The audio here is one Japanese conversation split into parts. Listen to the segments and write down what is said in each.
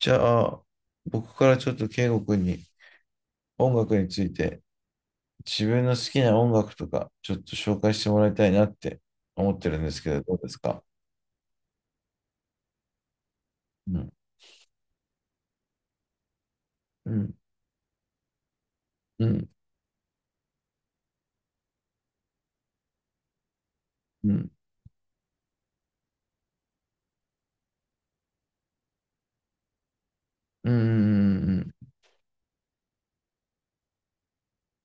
じゃあ、僕からちょっと圭吾君に音楽について自分の好きな音楽とかちょっと紹介してもらいたいなって思ってるんですけど、どうですか？うん、うん、うん、うん、うん、うん、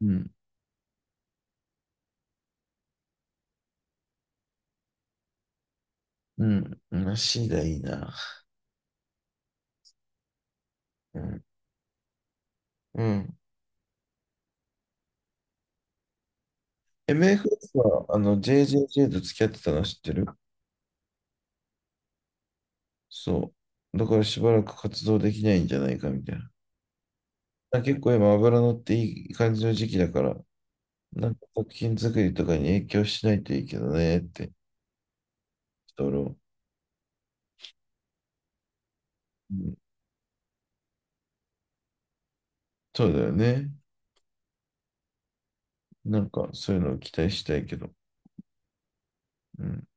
うん、うん、足がいいな。うん、うん。MFS はあの JJJ と付き合ってたの知ってる？そう。だからしばらく活動できないんじゃないかみたいな。結構今脂乗っていい感じの時期だから、なんか作品作りとかに影響しないといいけどねって、人ろ、うん、そうだよね。なんかそういうのを期待したいけど、うん、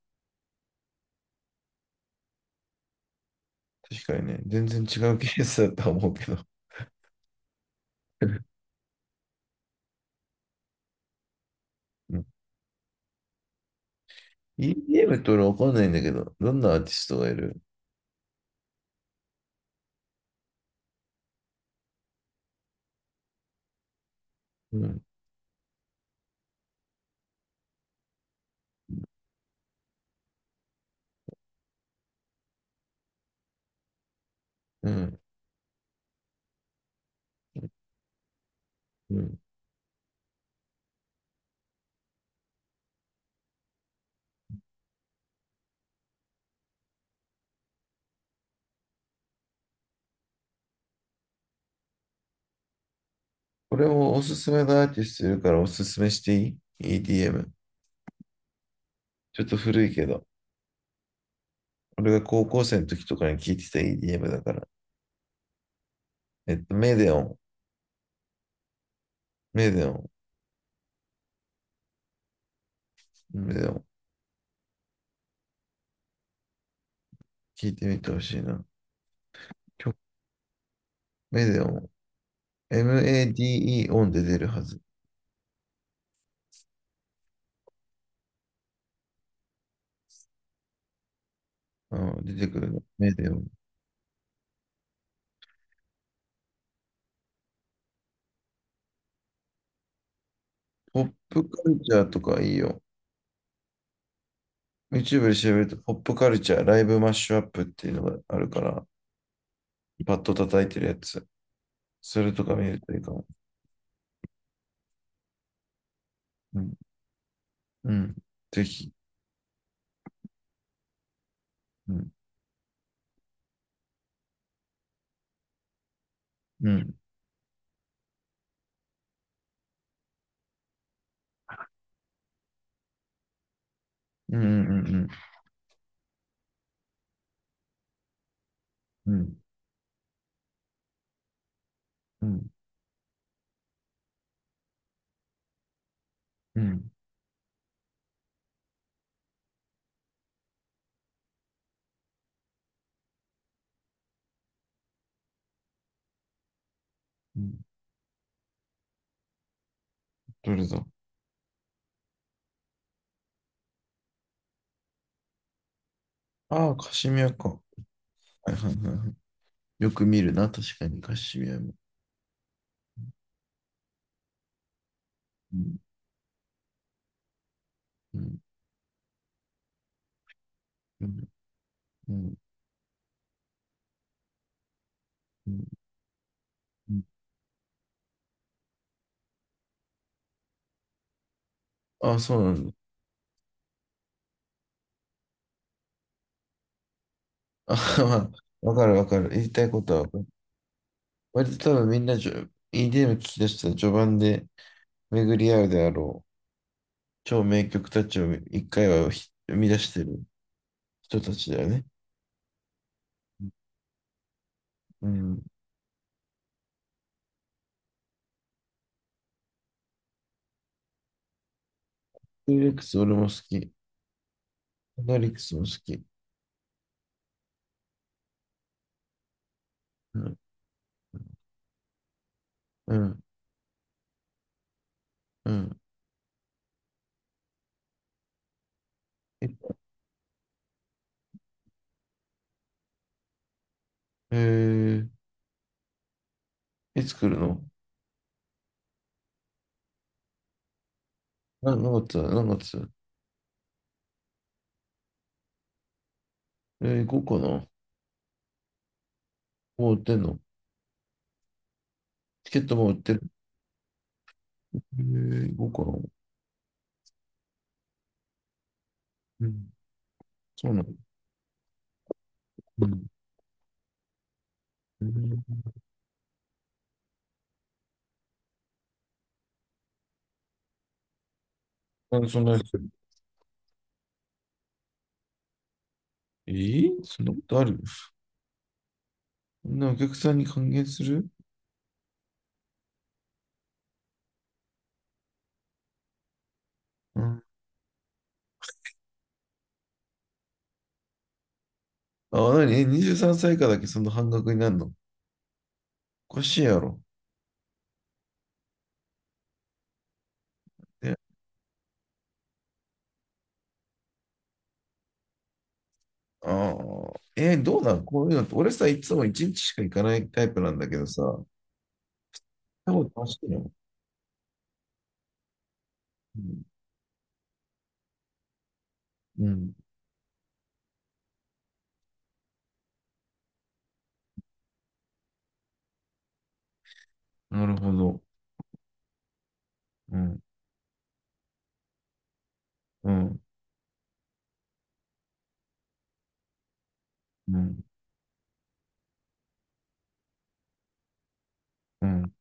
確かにね、全然違うケースだとは思うけど。うん、 EDM って俺わかんないんだけど、どんなアーティストがいる？うん、うん、うん。これもおすすめのアーティストいるからおすすめしていい？ EDM。ちょっと古いけど、俺が高校生の時とかに聞いてた EDM だから。メデオン、メデオン、メデオン。聞いてみてほしいな。メデオン。MADE オンで出るはず。うん、出てくるの。メデオン。ポップカルチャーとかいいよ。YouTube で調べると、ポップカルチャー、ライブマッシュアップっていうのがあるから、パッと叩いてるやつ。それとか見るといいかも。うん。うん。ぜひ。うん。うん。うん。うん。うんうん。うん。うん。うん。どれだ？ああ、カシミヤか。はいはいはいはい。よく見るな、確かにカシミヤも。うん。うん。うん。うん。うん。ああ、そうなんだ。あ、まあ、わかる、わかる。言いたいことはわかる。割と多分みんなEDM 聞き出したら序盤で巡り合うであろう。超名曲たちを一回は生み出してる人たちだよね。うん。トゥーレックス俺も好き。アナリックスも好き。うん。うん。うん。え、えいつ来るの？何月だ何月？5個の、もう売ってんの？チケットもう売ってる？5個の。うん。そうなの。うん。うん。なんでそんなに？えーそんなことある？そんなお客さんに還元する？うん。あ、なに、え？ 23 歳以下だけその半額になるの？おかしいやろ。え、ああ、どうなんこういうのって、俺さ、いつも1日しか行かないタイプなんだけどさ、多分楽しいの？うん。うん、なるほど。うん。うん。うん。うん。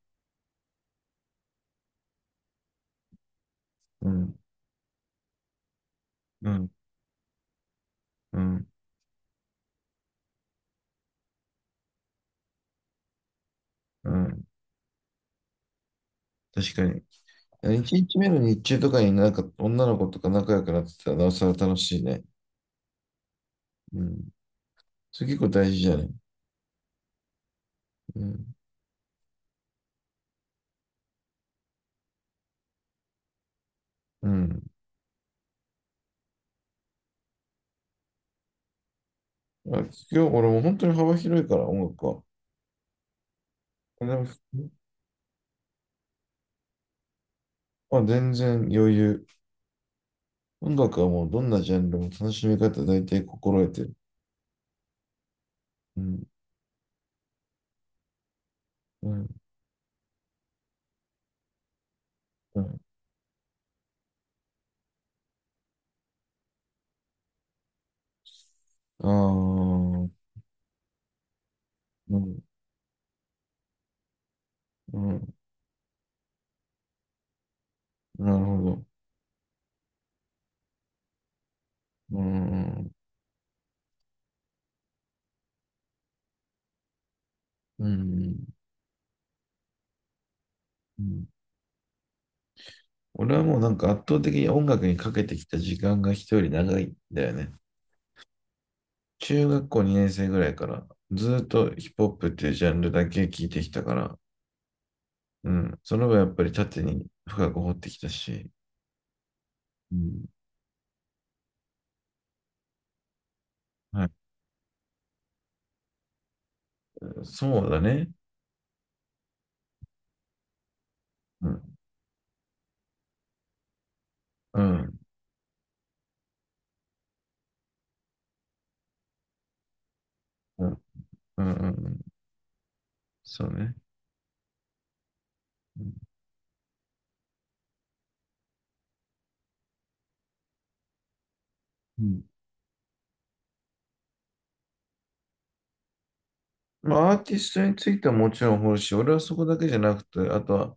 うん。うん。うん。うん。確かに。1日目の日中とかになんか女の子とか仲良くなってたらなおさら楽しいね。うん。それ結構大事じゃない？うん。うん。あ、聞くよ、俺もう本当に幅広いから、音楽は。これでも聞く。まあ、全然余裕。音楽はもうどんなジャンルも楽しみ方大体心得てる。うん、うん、うん。ああ、うん、うん、なるほど。うん、うん、うん。俺はもうなんか圧倒的に音楽にかけてきた時間が人より長いんだよね。中学校2年生ぐらいからずーっとヒップホップっていうジャンルだけ聞いてきたから、うん、その分やっぱり縦に深く掘ってきたし、うん、はい。そうだね。うん。うん。うん。うん。うん。そうね。うん。まあ、アーティストについてはもちろん掘るし、俺はそこだけじゃなくて、あとは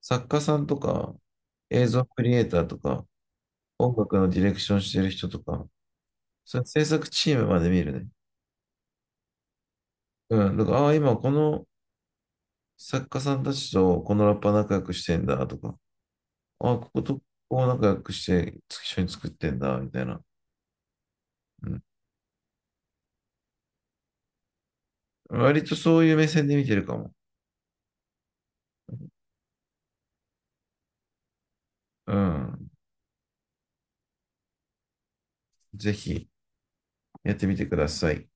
作家さんとか、映像クリエイターとか、音楽のディレクションしてる人とか、それ制作チームまで見るね。うん。だから、ああ、今この作家さんたちとこのラッパー仲良くしてんだとか、ああ、こことここ仲良くして一緒に作ってんだみたいな。うん。割とそういう目線で見てるかも。うん。ぜひ。やってみてください。